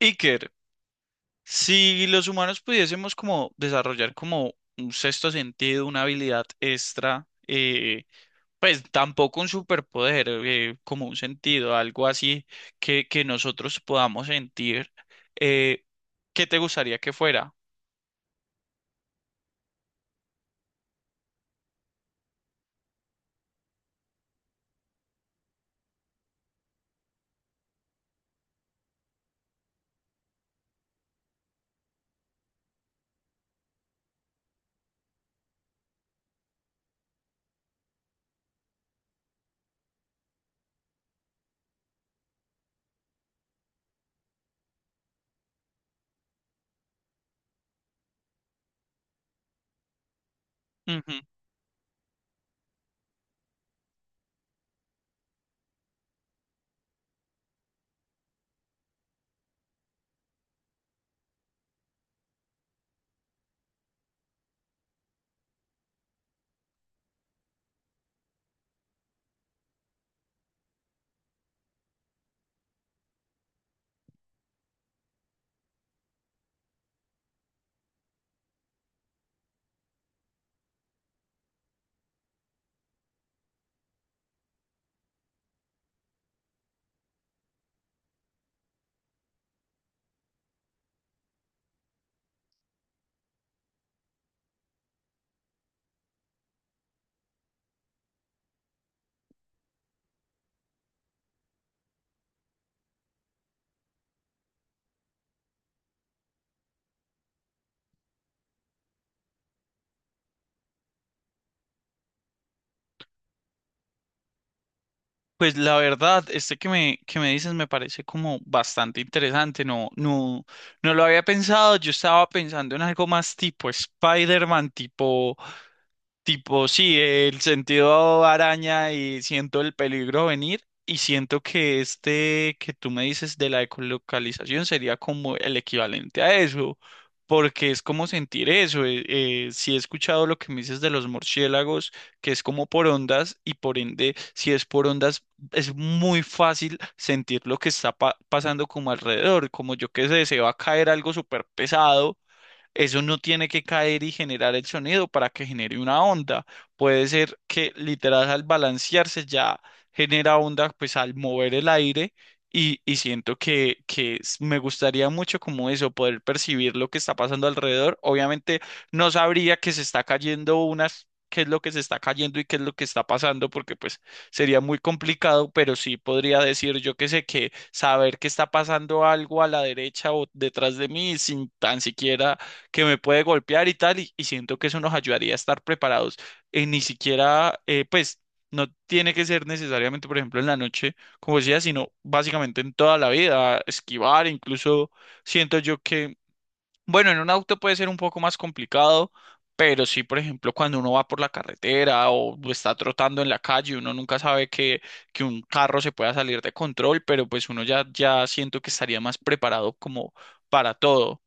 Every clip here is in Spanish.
Iker, si los humanos pudiésemos como desarrollar como un sexto sentido, una habilidad extra, pues tampoco un superpoder, como un sentido, algo así que nosotros podamos sentir, eh, ¿qué te gustaría que fuera? Ujú. Pues la verdad, este que me dices me parece como bastante interesante, no lo había pensado. Yo estaba pensando en algo más tipo Spider-Man, tipo sí, el sentido araña y siento el peligro venir y siento que este que tú me dices de la ecolocalización sería como el equivalente a eso, porque es como sentir eso. Sí he escuchado lo que me dices de los murciélagos, que es como por ondas y por ende, si es por ondas, es muy fácil sentir lo que está pasando como alrededor, como yo que sé, se va a caer algo súper pesado. Eso no tiene que caer y generar el sonido para que genere una onda. Puede ser que literal al balancearse ya genera onda pues al mover el aire y siento que, me gustaría mucho como eso, poder percibir lo que está pasando alrededor. Obviamente no sabría que se está cayendo unas, qué es lo que se está cayendo y qué es lo que está pasando, porque pues sería muy complicado, pero sí podría decir yo que sé que saber que está pasando algo a la derecha o detrás de mí sin tan siquiera que me puede golpear y tal, y siento que eso nos ayudaría a estar preparados. Ni siquiera, pues, no tiene que ser necesariamente, por ejemplo, en la noche, como decía, sino básicamente en toda la vida, esquivar. Incluso siento yo que, bueno, en un auto puede ser un poco más complicado. Pero sí, por ejemplo, cuando uno va por la carretera o está trotando en la calle, uno nunca sabe que un carro se pueda salir de control, pero pues uno ya, ya siento que estaría más preparado como para todo.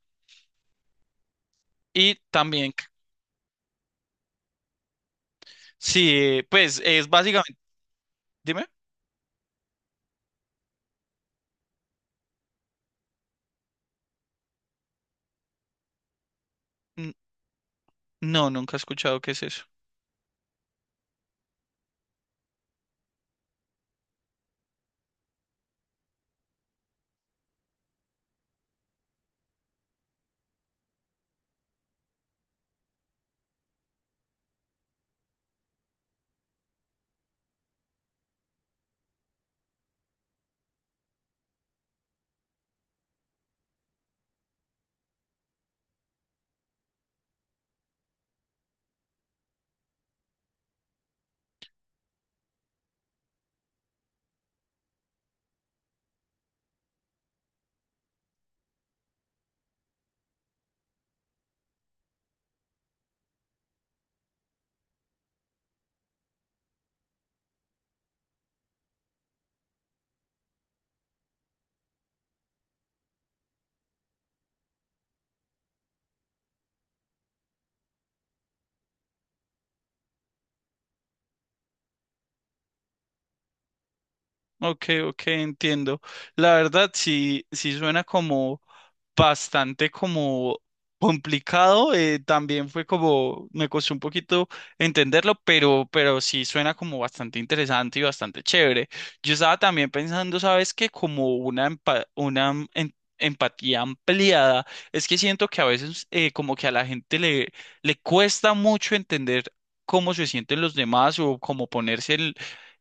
Y también sí, pues es básicamente, dime, N- no, nunca he escuchado qué es eso. Ok, ok, entiendo. La verdad sí, sí suena como bastante como complicado. También fue como, me costó un poquito entenderlo, pero sí suena como bastante interesante y bastante chévere. Yo estaba también pensando, ¿sabes qué? Como una, empatía ampliada. Es que siento que a veces como que a la gente le, le cuesta mucho entender cómo se sienten los demás o cómo ponerse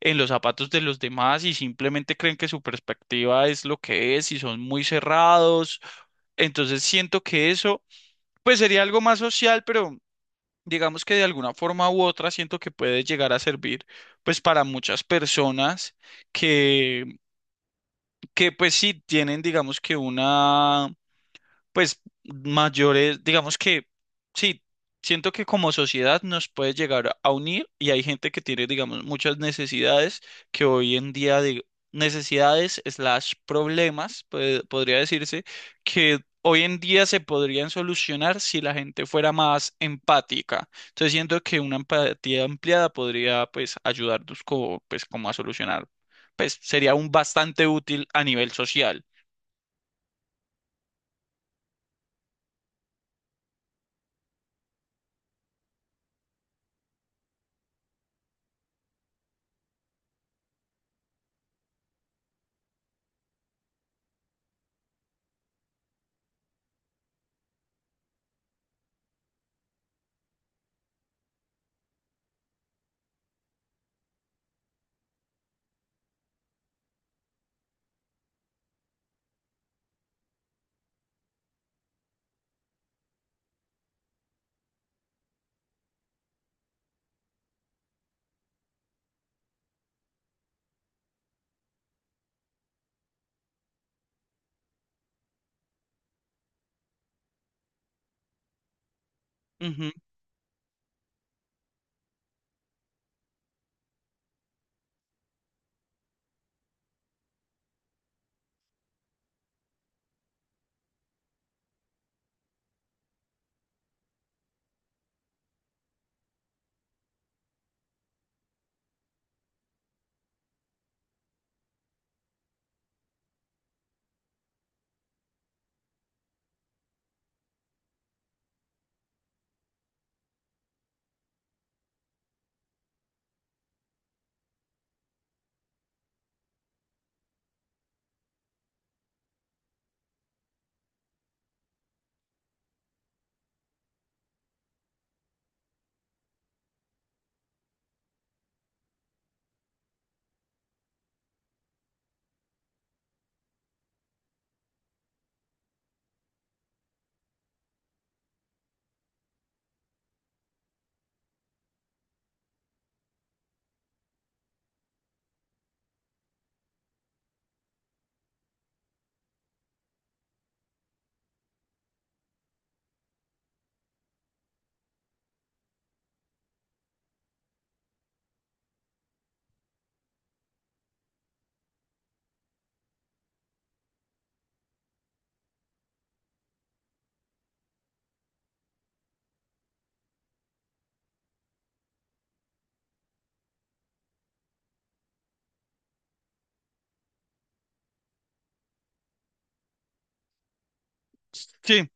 en los zapatos de los demás, y simplemente creen que su perspectiva es lo que es y son muy cerrados. Entonces siento que eso, pues sería algo más social, pero digamos que de alguna forma u otra siento que puede llegar a servir pues para muchas personas que, que pues sí tienen digamos que una pues mayores, digamos que sí, siento que como sociedad nos puede llegar a unir, y hay gente que tiene, digamos, muchas necesidades que hoy en día, de necesidades slash problemas, pues, podría decirse, que hoy en día se podrían solucionar si la gente fuera más empática. Entonces siento que una empatía ampliada podría, pues, ayudarnos como, pues, como a solucionar, pues, sería un bastante útil a nivel social. Ujú. Sí.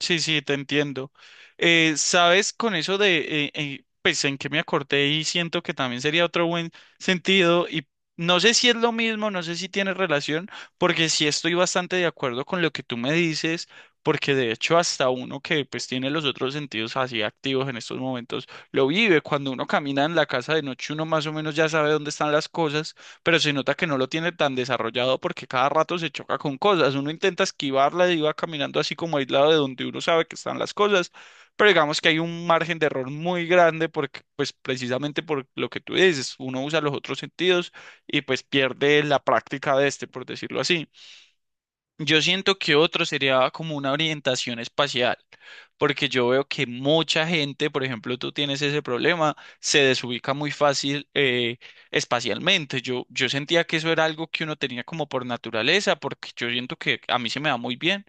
Sí, sí, te entiendo. Sabes, con eso de, pues en que me acordé y siento que también sería otro buen sentido, y no sé si es lo mismo, no sé si tiene relación, porque sí estoy bastante de acuerdo con lo que tú me dices, porque de hecho hasta uno que pues tiene los otros sentidos así activos en estos momentos, lo vive. Cuando uno camina en la casa de noche, uno más o menos ya sabe dónde están las cosas, pero se nota que no lo tiene tan desarrollado porque cada rato se choca con cosas. Uno intenta esquivarla y va caminando así como aislado de donde uno sabe que están las cosas, pero digamos que hay un margen de error muy grande porque, pues precisamente por lo que tú dices, uno usa los otros sentidos y pues pierde la práctica de este, por decirlo así. Yo siento que otro sería como una orientación espacial, porque yo veo que mucha gente, por ejemplo, tú tienes ese problema, se desubica muy fácil espacialmente. Yo sentía que eso era algo que uno tenía como por naturaleza, porque yo siento que a mí se me da muy bien,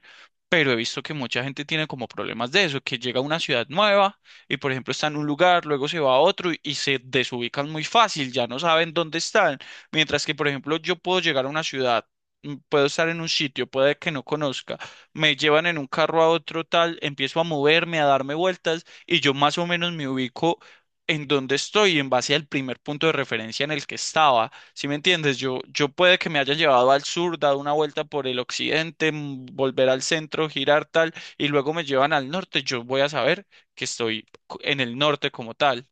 pero he visto que mucha gente tiene como problemas de eso, que llega a una ciudad nueva y por ejemplo está en un lugar, luego se va a otro y se desubican muy fácil, ya no saben dónde están. Mientras que por ejemplo yo puedo llegar a una ciudad, mm, puedo estar en un sitio, puede que no conozca, me llevan en un carro a otro tal, empiezo a moverme, a darme vueltas y yo más o menos me ubico en dónde estoy en base al primer punto de referencia en el que estaba. Si me entiendes, yo puede que me haya llevado al sur, dado una vuelta por el occidente, mm, volver al centro, girar tal, y luego me llevan al norte. Yo voy a saber que estoy en el norte como tal.